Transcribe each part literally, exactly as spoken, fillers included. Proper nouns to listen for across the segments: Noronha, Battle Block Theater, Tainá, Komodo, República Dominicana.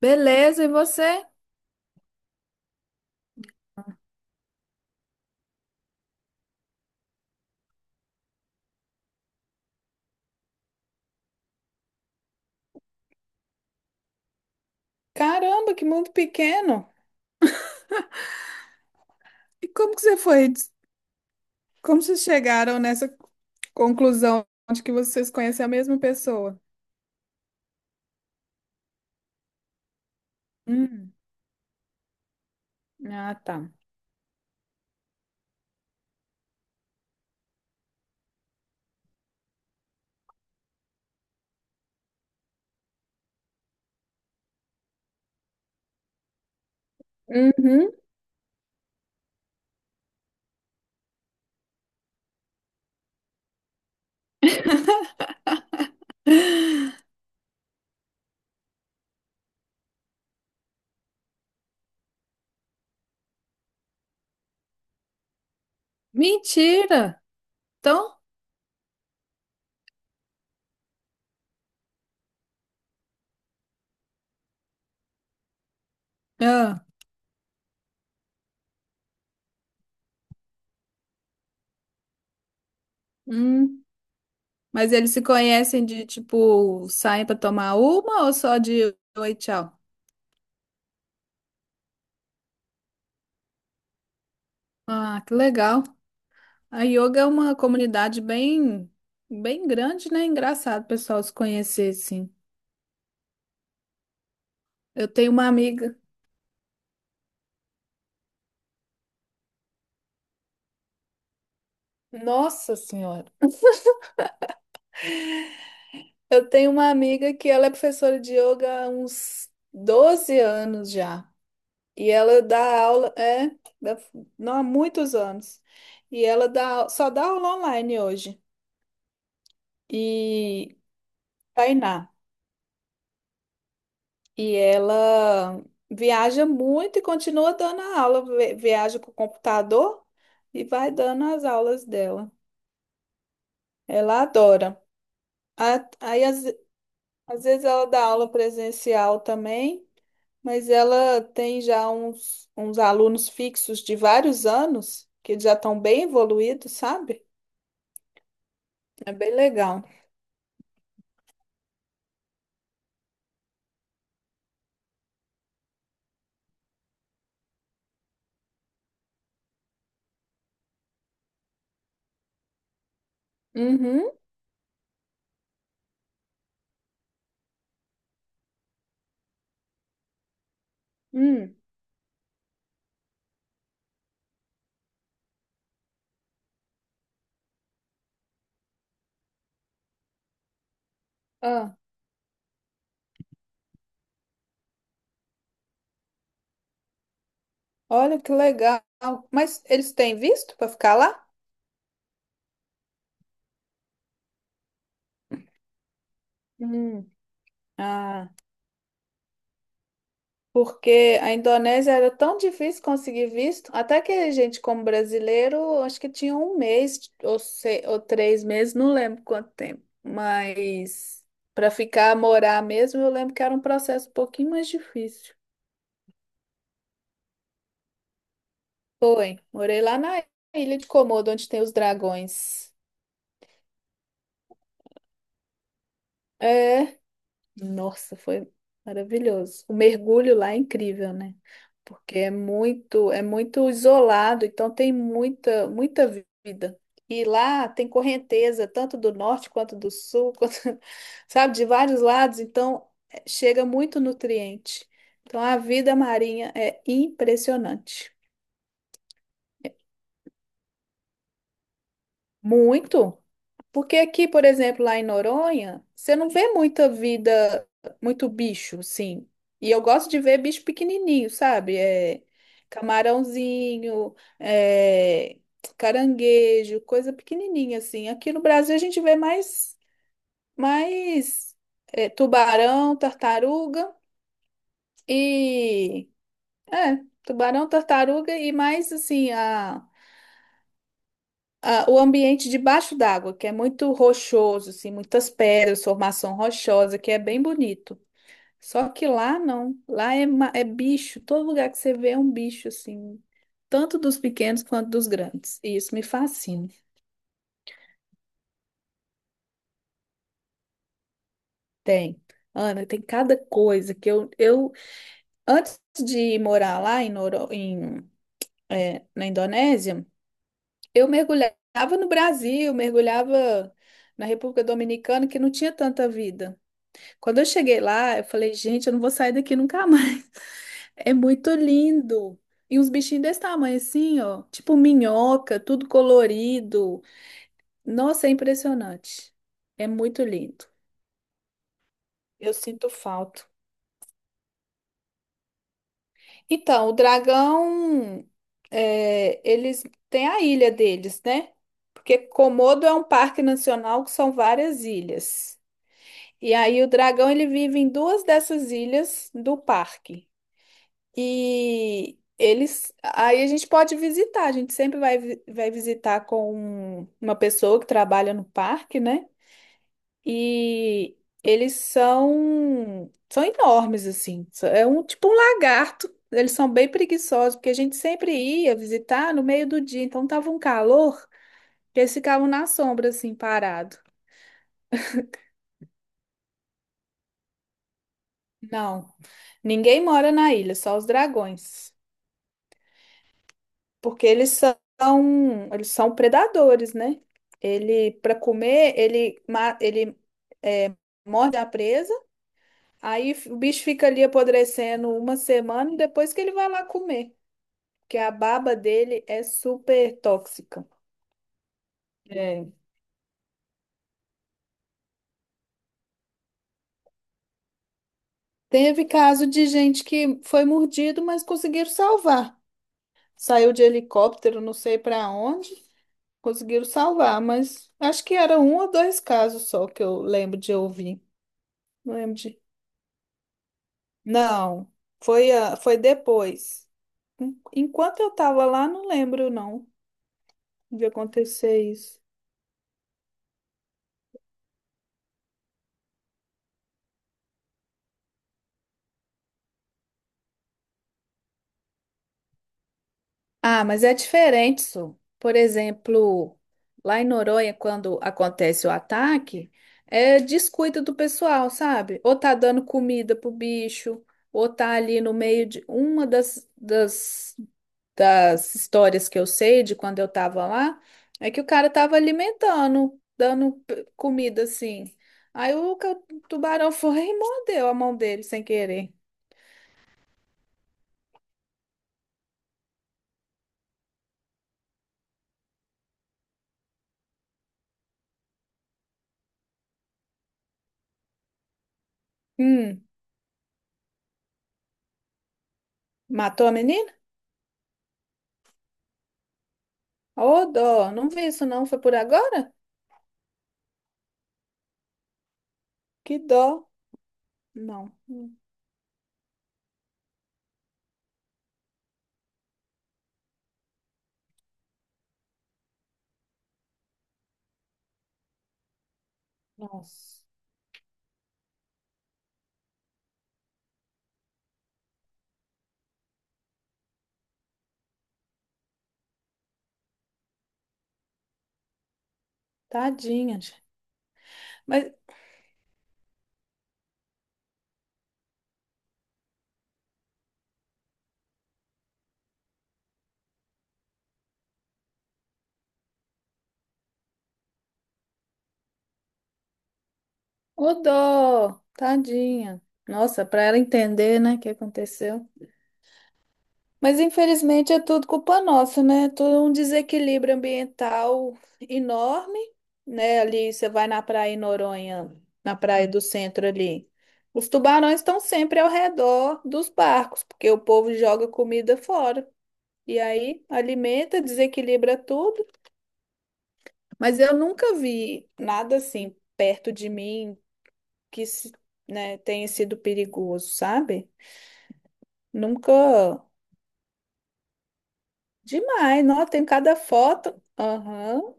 Beleza, e você? Caramba, que mundo pequeno! E como que você foi? Como vocês chegaram nessa conclusão de que vocês conhecem a mesma pessoa? Hum, ah, tá. Uhum. Mentira! Então, ah, hum, mas eles se conhecem de tipo, saem pra tomar uma ou só de oi, tchau? Ah, que legal. A yoga é uma comunidade bem, bem grande, né? Engraçado, o pessoal se conhecer, assim. Eu tenho uma amiga. Nossa Senhora. Eu tenho uma amiga que ela é professora de yoga há uns doze anos já. E ela dá aula, é, dá- não há muitos anos. E ela dá, au- só dá aula online hoje. E Tainá. E ela viaja muito e continua dando a aula. Vi- Viaja com o computador e vai dando as aulas dela. Ela adora. A- Aí, às, às vezes, ela dá aula presencial também. Mas ela tem já uns, uns alunos fixos de vários anos, que já estão bem evoluídos, sabe? É bem legal. Uhum. Hum. Ah, olha que legal. Mas eles têm visto para ficar lá? Hum. Ah, porque a Indonésia era tão difícil conseguir visto, até que a gente, como brasileiro, acho que tinha um mês ou, se- ou três meses, não lembro quanto tempo. Mas para ficar, morar mesmo, eu lembro que era um processo um pouquinho mais difícil. Foi. Morei lá na ilha de Komodo, onde tem os dragões. É, nossa, foi maravilhoso. O mergulho lá é incrível, né? Porque é muito, é muito isolado, então tem muita, muita vida. E lá tem correnteza, tanto do norte quanto do sul, quanto, sabe, de vários lados, então eh, chega muito nutriente. Então a vida marinha é impressionante. Muito. Porque aqui, por exemplo, lá em Noronha, você não vê muita vida, muito bicho, sim. E eu gosto de ver bicho pequenininho, sabe? É camarãozinho, é caranguejo, coisa pequenininha assim. Aqui no Brasil a gente vê mais, mais é, tubarão, tartaruga e é, tubarão, tartaruga e mais assim a Ah, o ambiente debaixo d'água, que é muito rochoso, assim, muitas pedras, formação rochosa, que é bem bonito. Só que lá não, lá é, ma- é bicho, todo lugar que você vê é um bicho, assim, tanto dos pequenos quanto dos grandes. E isso me fascina. Tem. Ana, tem cada coisa que eu, eu antes de morar lá em, Noro, em, eh, na Indonésia, eu mergulhava no Brasil, mergulhava na República Dominicana, que não tinha tanta vida. Quando eu cheguei lá, eu falei, gente, eu não vou sair daqui nunca mais. É muito lindo. E uns bichinhos desse tamanho assim, ó, tipo minhoca, tudo colorido. Nossa, é impressionante. É muito lindo. Eu sinto falta. Então, o dragão, é, eles têm a ilha deles, né? Porque Komodo é um parque nacional que são várias ilhas. E aí o dragão ele vive em duas dessas ilhas do parque. E eles. Aí a gente pode visitar, a gente sempre vai, vi- vai visitar com uma pessoa que trabalha no parque, né? E eles são. São enormes, assim. É um tipo um lagarto. Eles são bem preguiçosos, porque a gente sempre ia visitar no meio do dia, então tava um calor que eles ficavam na sombra, assim, parado. Não, ninguém mora na ilha, só os dragões. Porque eles são, eles são predadores, né? Ele, para comer, ele, ma- ele é, morde a presa, aí f- o bicho fica ali apodrecendo uma semana e depois que ele vai lá comer, porque a baba dele é super tóxica. É. Teve caso de gente que foi mordido, mas conseguiram salvar. Saiu de helicóptero, não sei para onde, conseguiram salvar, mas acho que era um ou dois casos só que eu lembro de ouvir. Não lembro de Não, foi, a- foi depois. En- Enquanto eu tava lá, não lembro, não, de acontecer isso. Ah, mas é diferente, Su. Por exemplo, lá em Noronha, quando acontece o ataque, é descuido do pessoal, sabe? Ou tá dando comida pro bicho, ou tá ali no meio de uma das, das das histórias que eu sei de quando eu tava lá, é que o cara tava alimentando, dando p- comida assim. Aí o ca- tubarão foi e mordeu a mão dele sem querer. Hum, matou a menina? Ô, dó, não vi isso não, foi por agora? Que dó. Não. Hum, nossa, tadinha, gente. Mas, ô, dó, tadinha. Nossa, pra ela entender, né, o que aconteceu. Mas infelizmente é tudo culpa nossa, né? É todo um desequilíbrio ambiental enorme, né? Ali você vai na praia em Noronha, na praia do centro ali. Os tubarões estão sempre ao redor dos barcos, porque o povo joga comida fora. E aí alimenta, desequilibra tudo. Mas eu nunca vi nada assim perto de mim que, se- né, tenha sido perigoso, sabe? Nunca. Demais, não, tem cada foto. Aham.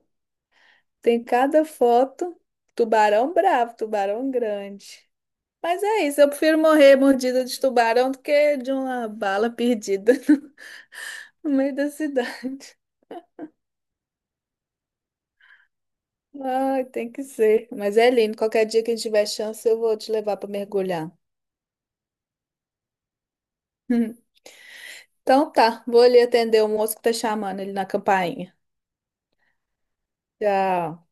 Tem cada foto, tubarão bravo, tubarão grande. Mas é isso, eu prefiro morrer mordida de tubarão do que de uma bala perdida no meio da cidade. Ai, tem que ser. Mas é lindo, qualquer dia que a gente tiver chance, eu vou te levar para mergulhar. Então tá, vou ali atender o moço que tá chamando ele na campainha. Tchau.